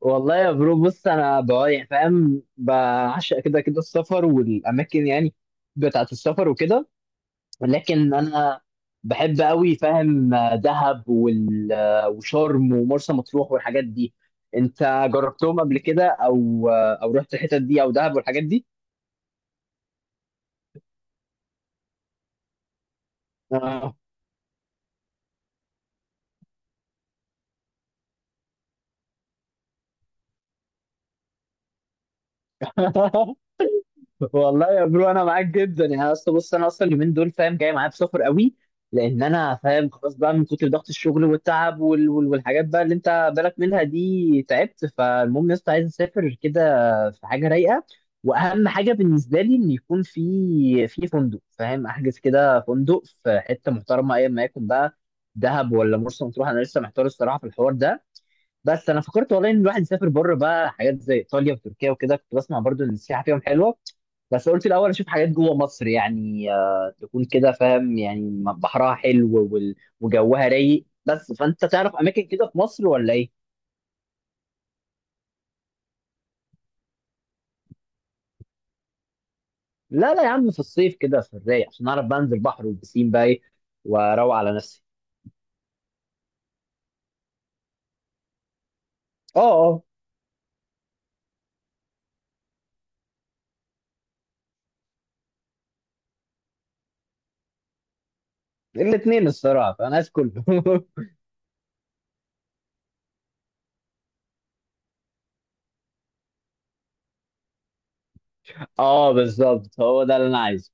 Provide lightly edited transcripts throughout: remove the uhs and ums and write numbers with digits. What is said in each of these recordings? والله يا برو، بص انا بقى يعني فاهم بعشق كده كده السفر والاماكن، يعني بتاعت السفر وكده. لكن انا بحب قوي فاهم دهب وشرم ومرسى مطروح والحاجات دي. انت جربتهم قبل كده او رحت الحتت دي او دهب والحاجات دي؟ آه. والله يا برو انا معاك جدا، يعني اصل بص انا اصلا اليومين دول فاهم جاي معايا بسفر قوي، لان انا فاهم خلاص بقى من كتر ضغط الشغل والتعب والحاجات بقى اللي انت بالك منها دي تعبت. فالمهم يا اسطى عايز اسافر كده، في حاجه رايقه. واهم حاجه بالنسبه لي ان يكون في فندق، فاهم، احجز كده فندق في حته محترمه ايا ما يكون بقى، دهب ولا مرسى مطروح، انا لسه محتار الصراحه في الحوار ده. بس انا فكرت والله ان الواحد يسافر بره بقى، حاجات زي ايطاليا وتركيا وكده، كنت بسمع برضو ان السياحه فيهم حلوه. بس قلت الاول اشوف حاجات جوه مصر، يعني تكون كده فاهم يعني بحرها حلو وجوها رايق. بس فانت تعرف اماكن كده في مصر ولا ايه؟ لا لا يا عم، في الصيف كده في الرايق عشان اعرف بقى انزل بحر والبسين بقى إيه، واروق على نفسي. اه اه. الاثنين الصراحه، فانا عايز كله. اه بالظبط، هو ده اللي انا عايزه.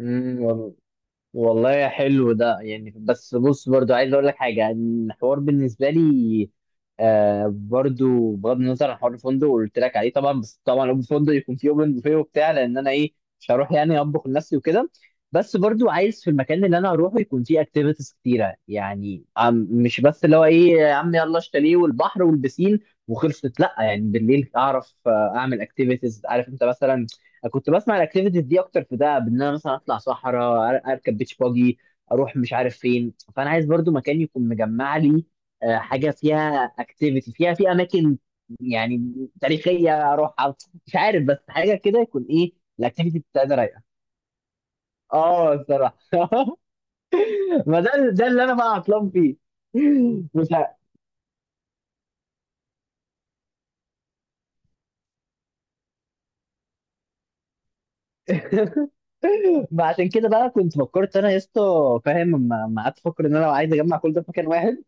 والله، والله يا حلو ده يعني. بس بص برضو عايز اقول لك حاجه، الحوار بالنسبه لي برضو بغض النظر عن حوار الفندق اللي قلت لك عليه طبعا، بس طبعا الفندق يكون فيه اوبن بوفيه وبتاع، لان انا ايه، مش هروح يعني اطبخ لنفسي وكده. بس برضو عايز في المكان اللي انا هروحه يكون فيه اكتيفيتيز كتيره، يعني مش بس اللي هو ايه يا عم يلا الشاليه والبحر والبسين وخلصت، لا يعني بالليل اعرف اعمل اكتيفيتيز، عارف انت، مثلا كنت بسمع الاكتيفيتيز دي اكتر في دهب، ان انا مثلا اطلع صحراء اركب بيتش باجي، اروح مش عارف فين. فانا عايز برضو مكان يكون مجمع لي حاجه فيها اكتيفيتي، فيها في اماكن يعني تاريخيه اروح، مش عارف، بس حاجه كده يكون ايه. الاكتيفيتي بتاعتي رايقه، اه الصراحه. ما ده اللي انا بقى عطلان فيه. مش ع- ما عشان كده بقى كنت فكرت انا يا اسطى، فاهم لما قعدت افكر ان انا لو عايز اجمع كل ده في مكان واحد،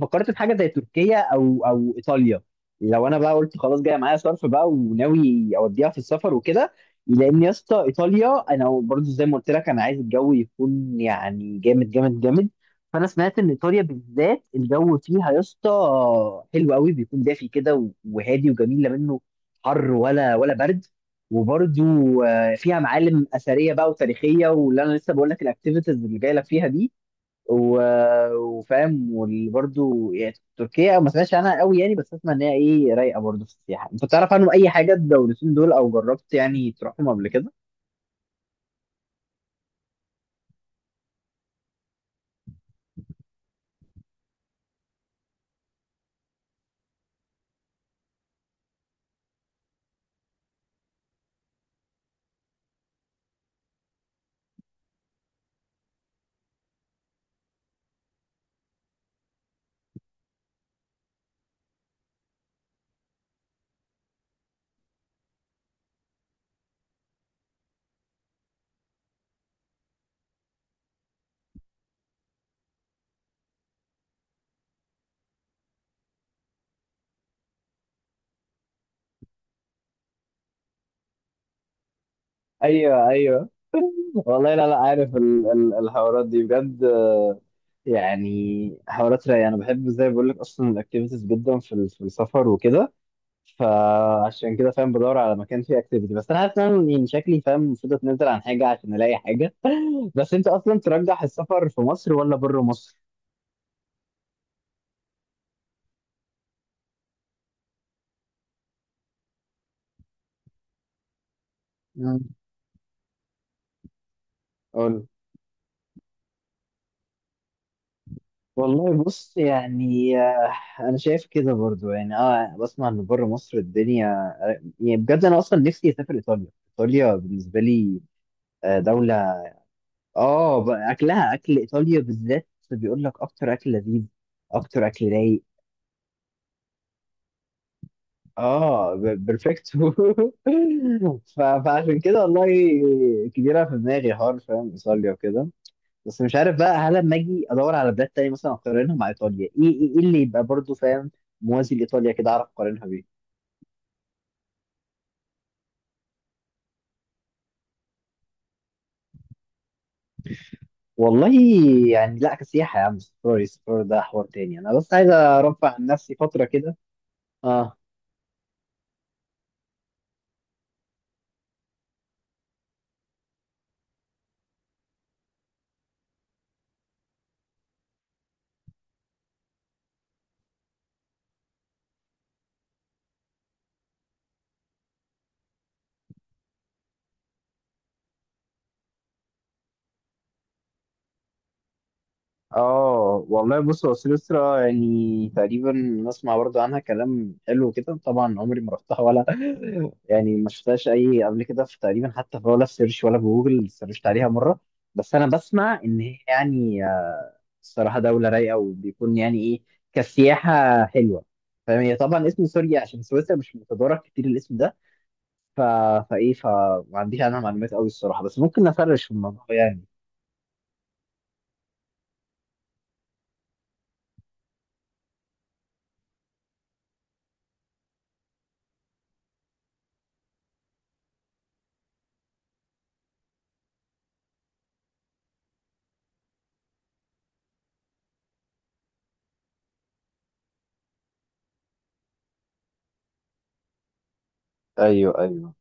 فكرت في حاجه زي تركيا او ايطاليا. لو انا بقى قلت خلاص، جاي معايا صرف بقى وناوي اوديها في السفر وكده. لان يا اسطى ايطاليا انا برضو زي ما قلت لك، انا عايز الجو يكون يعني جامد جامد جامد. فانا سمعت ان ايطاليا بالذات الجو فيها يا اسطى حلو قوي، بيكون دافي كده وهادي وجميل، لا منه حر ولا برد. وبرضو فيها معالم اثريه بقى وتاريخيه، واللي انا لسه بقول لك الاكتيفيتيز اللي جايه لك فيها دي وفاهم. وبرده يعني تركيا ما سمعتش عنها قوي يعني، بس اسمع ان هي ايه رايقه برضه في السياحه. انت تعرف عنهم اي حاجه الدولتين دول، او جربت يعني تروحهم قبل كده؟ ايوه ايوه. والله لا لا، عارف ال الحوارات دي بجد يعني حوارات رايقه. انا بحب زي ما بقول لك اصلا الاكتيفيتيز جدا في في السفر وكده، فعشان كده فاهم بدور على مكان فيه اكتيفيتي. بس انا عارف ان أنا يعني شكلي فاهم المفروض اتنزل عن حاجه عشان الاقي حاجه. بس انت اصلا ترجح السفر في مصر ولا بره مصر؟ قول. والله بص يعني انا شايف كده برضو يعني، اه بسمع ان بره مصر الدنيا يعني بجد. انا اصلا نفسي اسافر ايطاليا، ايطاليا بالنسبه لي دوله، اه اكلها، اكل ايطاليا بالذات بيقول لك اكتر اكل لذيذ، اكتر اكل رايق. اه بيرفكتو. فعشان كده والله كبيره في دماغي، حوار فاهم ايطاليا وكده. بس مش عارف بقى هل لما اجي ادور على بلاد تانية مثلا اقارنها مع ايطاليا، ايه ايه إيه اللي يبقى برضو فاهم موازي لايطاليا كده اعرف اقارنها بيه. والله يعني لا كسياحه يا عم، سفري سفر ده حوار تاني، انا بس عايز ارفع عن نفسي فتره كده. اه اه. والله بص هو سويسرا يعني تقريبا نسمع برضو عنها كلام حلو كده. طبعا عمري ما رحتها، ولا يعني ما شفتهاش اي قبل كده، في تقريبا حتى في ولا في سيرش ولا في جوجل سيرشت عليها مره. بس انا بسمع ان هي يعني الصراحه دوله رايقه، وبيكون يعني ايه كسياحه حلوه فاهم. هي طبعا اسم سوريا عشان سويسرا مش متدارك كتير الاسم ده. ف... فايه، فما عنديش عنها معلومات قوي الصراحه، بس ممكن نفرش في الموضوع يعني. ايوه ايوه.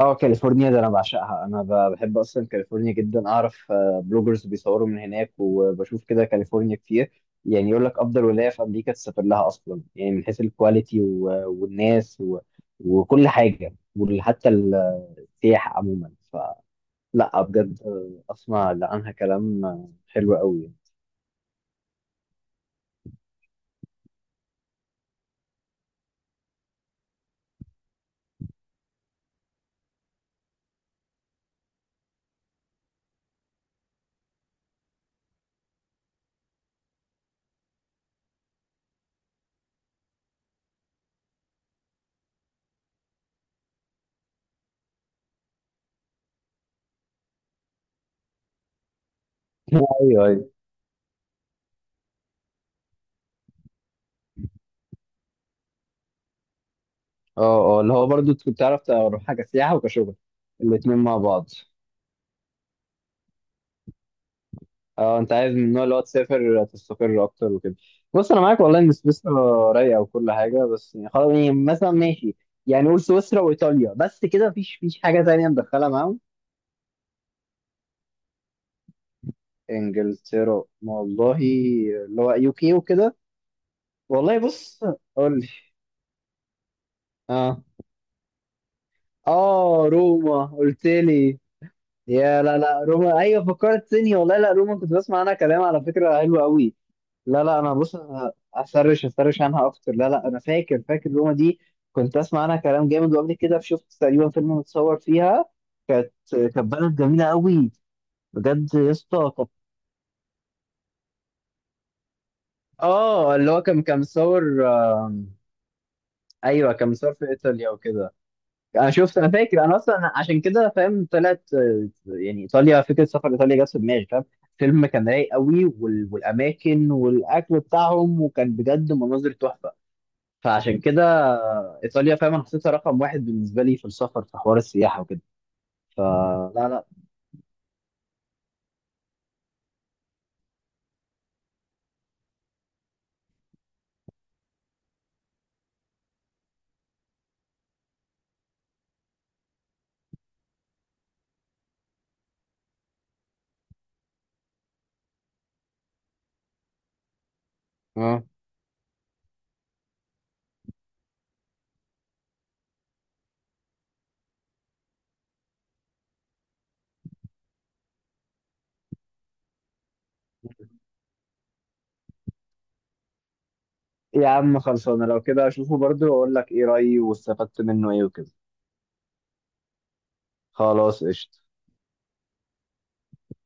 اه كاليفورنيا ده انا بعشقها. انا بحب اصلا كاليفورنيا جدا. اعرف بلوجرز بيصوروا من هناك، وبشوف كده كاليفورنيا كتير، يعني يقول لك افضل ولايه في امريكا تسافر لها اصلا، يعني من حيث الكواليتي والناس وكل حاجه، وحتى السياحه عموما. فلا بجد اسمع عنها كلام حلو قوي. ايوه ايوه. اه اه، اللي هو برضو كنت تعرف تروح حاجه سياحه وكشغل، الاتنين مع بعض. اه انت عايز من النوع اللي هو تسافر تستقر اكتر وكده. بص انا معاك والله ان سويسرا رايقه وكل حاجه، بس يعني خلاص يعني مثلا ماشي، يعني قول سويسرا وايطاليا بس كده، مفيش حاجه تانية ندخلها معاهم؟ انجلترا؟ والله، اللي هو UK وكده. والله بص، قول لي. اه. اه روما قلت لي؟ يا لا لا روما، ايوه فكرتني والله، لا روما كنت بسمع عنها كلام على فكره حلو قوي. لا لا انا بص، انا اسرش، اسرش عنها اكتر. لا لا انا فاكر، فاكر روما دي، كنت اسمع عنها كلام جامد. وقبل كده شفت تقريبا فيلم متصور فيها. كانت بلد جميله قوي بجد يا اسطى، كانت- اه اللي هو كان مصور ايوه كان مصور في ايطاليا وكده. انا شفت، انا فاكر، انا اصلا عشان كده فاهم طلعت يعني ايطاليا، فكره سفر ايطاليا جت في دماغي فاهم. فيلم كان رايق قوي والاماكن والاكل بتاعهم، وكان بجد مناظر تحفه. فعشان كده ايطاليا فاهم، انا حطيتها رقم واحد بالنسبه لي في السفر في حوار السياحه وكده. فلا لا. اه يا عم خلصانه، لو كده اشوفه برضو واقول لك ايه رايي، واستفدت منه ايه وكده. خلاص قشطه.